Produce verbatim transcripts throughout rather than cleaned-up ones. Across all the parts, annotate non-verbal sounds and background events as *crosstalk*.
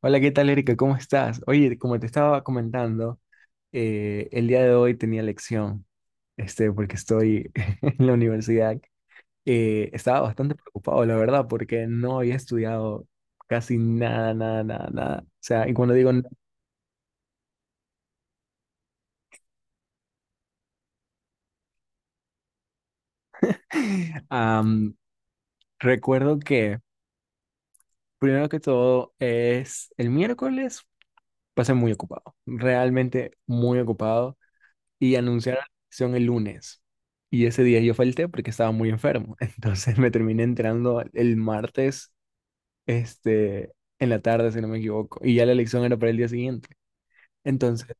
Hola, ¿qué tal, Erika? ¿Cómo estás? Oye, como te estaba comentando, eh, el día de hoy tenía lección, este, porque estoy *laughs* en la universidad. Eh, estaba bastante preocupado, la verdad, porque no había estudiado casi nada, nada, nada, nada. O sea, y cuando digo, n- *laughs* am, recuerdo que, primero que todo, es el miércoles, pasé muy ocupado, realmente muy ocupado. Y anunciaron la elección el lunes. Y ese día yo falté porque estaba muy enfermo. *laughs* Entonces me terminé entrando el martes, este, en la tarde, si no me equivoco. Y ya la elección era para el día siguiente. Entonces,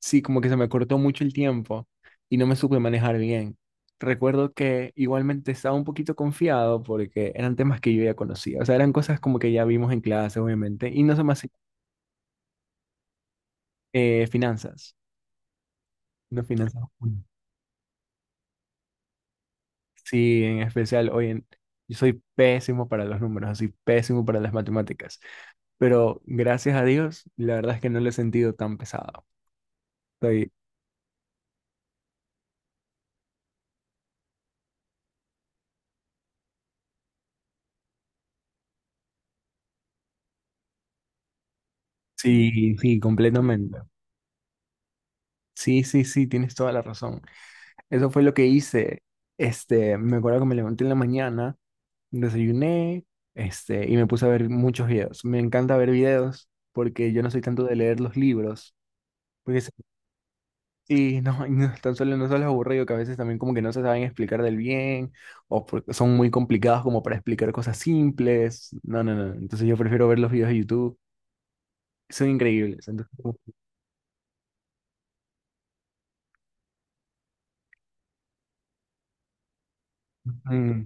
sí, como que se me cortó mucho el tiempo y no me supe manejar bien. Recuerdo que igualmente estaba un poquito confiado porque eran temas que yo ya conocía. O sea, eran cosas como que ya vimos en clase, obviamente. Y no se me hacían, eh, finanzas. No finanzas. Sí, en especial hoy en... Yo soy pésimo para los números, soy pésimo para las matemáticas, pero gracias a Dios, la verdad es que no lo he sentido tan pesado. Estoy... Sí, sí, completamente. Sí, sí, sí, tienes toda la razón. Eso fue lo que hice. Este, me acuerdo que me levanté en la mañana, desayuné, este, y me puse a ver muchos videos. Me encanta ver videos porque yo no soy tanto de leer los libros, porque sí, no, y no, tan solo no solo es aburrido, que a veces también como que no se saben explicar del bien, o porque son muy complicados como para explicar cosas simples. No, no, no. Entonces yo prefiero ver los videos de YouTube. Son increíbles. Entonces, como, mm,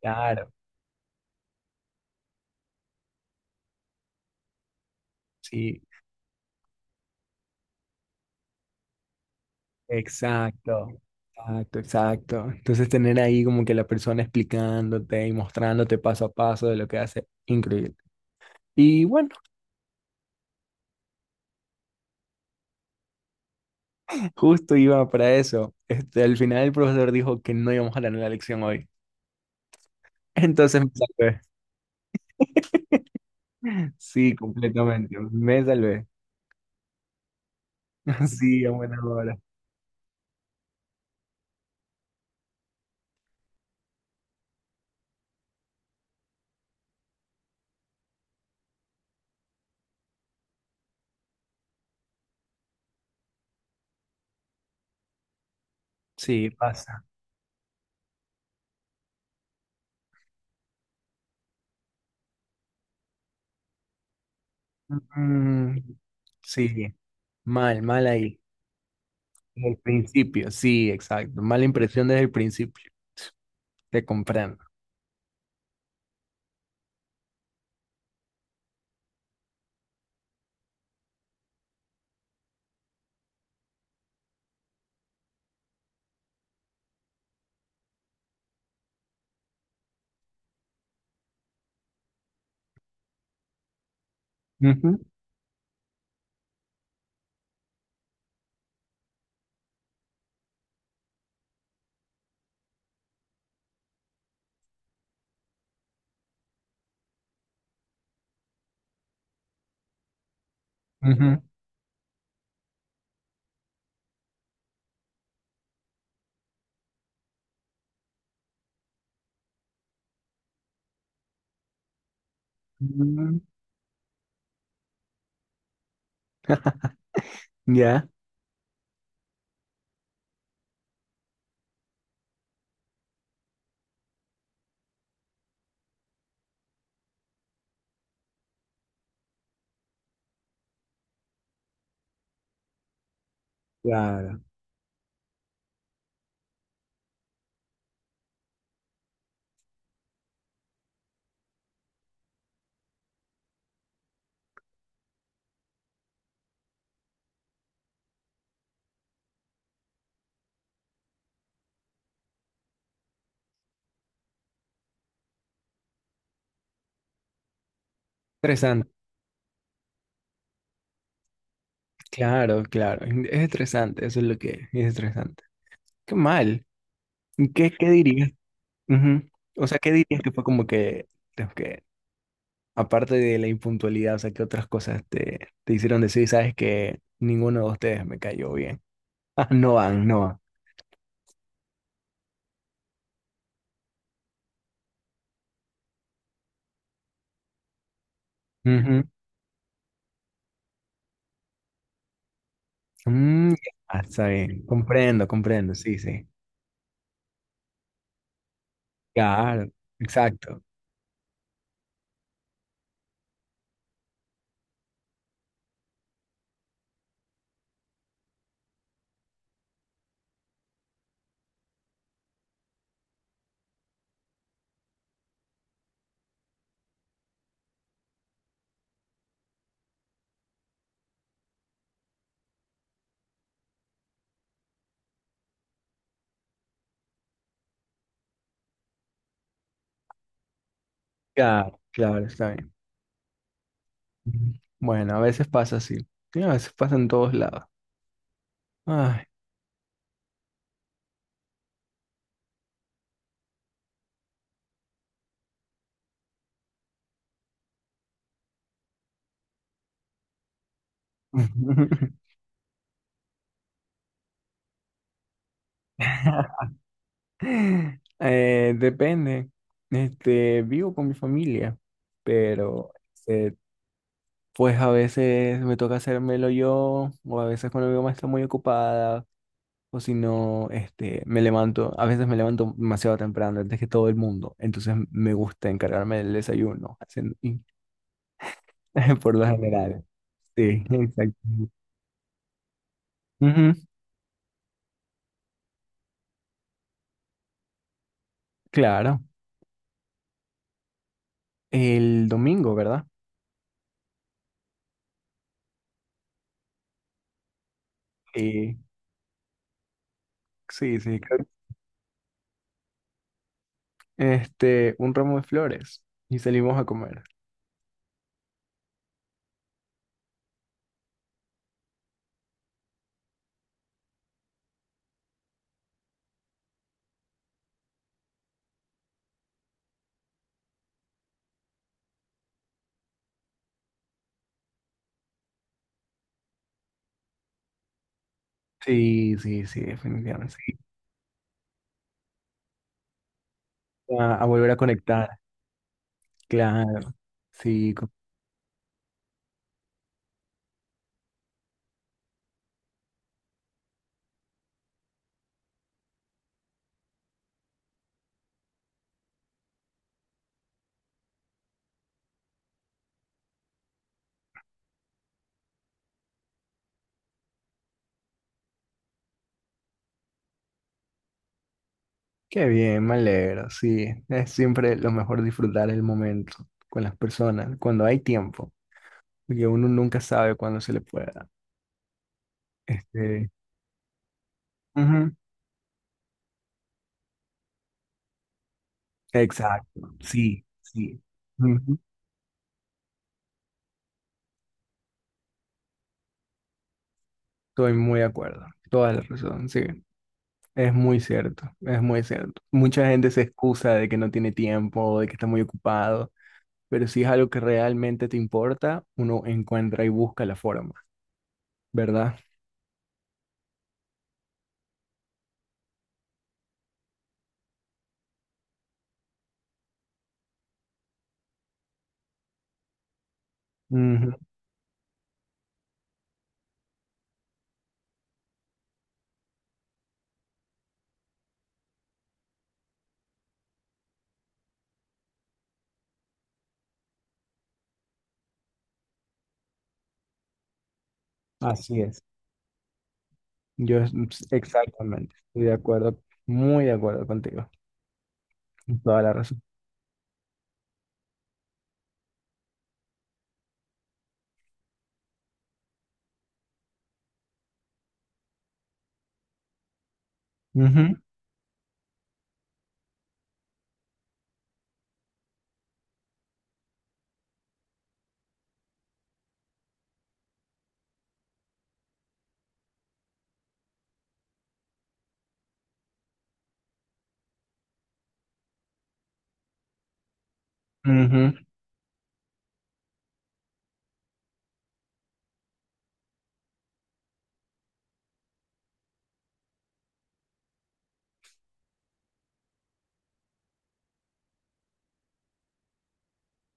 claro, sí, exacto. Exacto, exacto. Entonces tener ahí como que la persona explicándote y mostrándote paso a paso de lo que hace, increíble. Y bueno, justo iba para eso. Este, al final el profesor dijo que no íbamos a tener la lección hoy. Entonces me salvé. Sí, completamente. Me salvé. *laughs* Sí, a buena hora. Sí, pasa. Mm, sí, mal, mal ahí. Desde el principio, sí, exacto. Mala impresión desde el principio. Te comprando. Ujú, ujú. Mm, ya, claro. Estresante. Claro, claro. Es estresante, eso es lo que es. Es estresante. Qué mal. ¿Y qué, qué dirías? Ujú. O sea, ¿qué dirías que fue como que, aparte de la impuntualidad, o sea, ¿qué otras cosas te, te hicieron decir? Sabes que ninguno de ustedes me cayó bien. *laughs* Ah, no van, no van. Ujú. Mm, ya, está bien. Comprendo, comprendo, sí, sí. Claro, exacto. Claro, claro, está bien. Ujú. Bueno, a veces pasa así. Y a veces pasa en todos lados. Ay. *laughs* Eh, depende. Este, vivo con mi familia, pero eh, pues a veces me toca hacérmelo yo, o a veces cuando mi mamá está muy ocupada, o si no, este, me levanto, a veces me levanto demasiado temprano, antes que todo el mundo, entonces me gusta encargarme del desayuno, hacen- y- *laughs* por lo general. Sí, exacto. Ujú, claro, el domingo, ¿verdad? Sí, sí, sí, creo- este, un ramo de flores y salimos a comer. Sí, sí, sí, definitivamente. Sí. A, a volver a conectar, claro, sí. Qué bien, me alegro, sí. Es siempre lo mejor disfrutar el momento con las personas, cuando hay tiempo, porque uno nunca sabe cuándo se le pueda. Este, ujú, exacto, sí, sí. Ujú, estoy muy de acuerdo, toda la razón, sí. Es muy cierto, es muy cierto. Mucha gente se excusa de que no tiene tiempo, de que está muy ocupado, pero si es algo que realmente te importa, uno encuentra y busca la forma, ¿verdad? Ujú, así es. Yo es- exactamente, estoy de acuerdo, muy de acuerdo contigo, toda la razón. Ujú, ujú.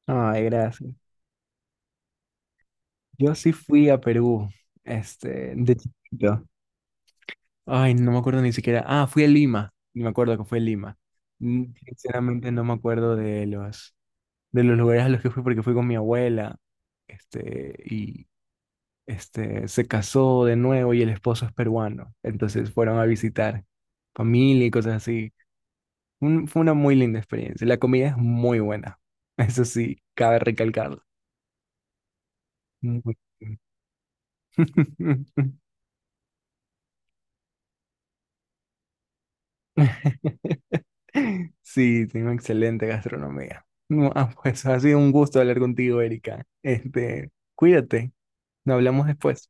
Ay, gracias. Yo sí fui a Perú, este, de chiquito. Ay, no me acuerdo ni siquiera. Ah, fui a Lima, y me acuerdo que fue Lima. Mm, sinceramente no me acuerdo de los, de los lugares a los que fui porque fui con mi abuela, este, y este, se casó de nuevo y el esposo es peruano, entonces fueron a visitar familia y cosas así. Un- fue una muy linda experiencia. La comida es muy buena. *laughs* Eso sí, cabe recalcarlo. Muy buena. *laughs* Sí, tengo excelente gastronomía. No, ah, pues ha sido un gusto hablar contigo, Erika. Este, cuídate. Nos hablamos después.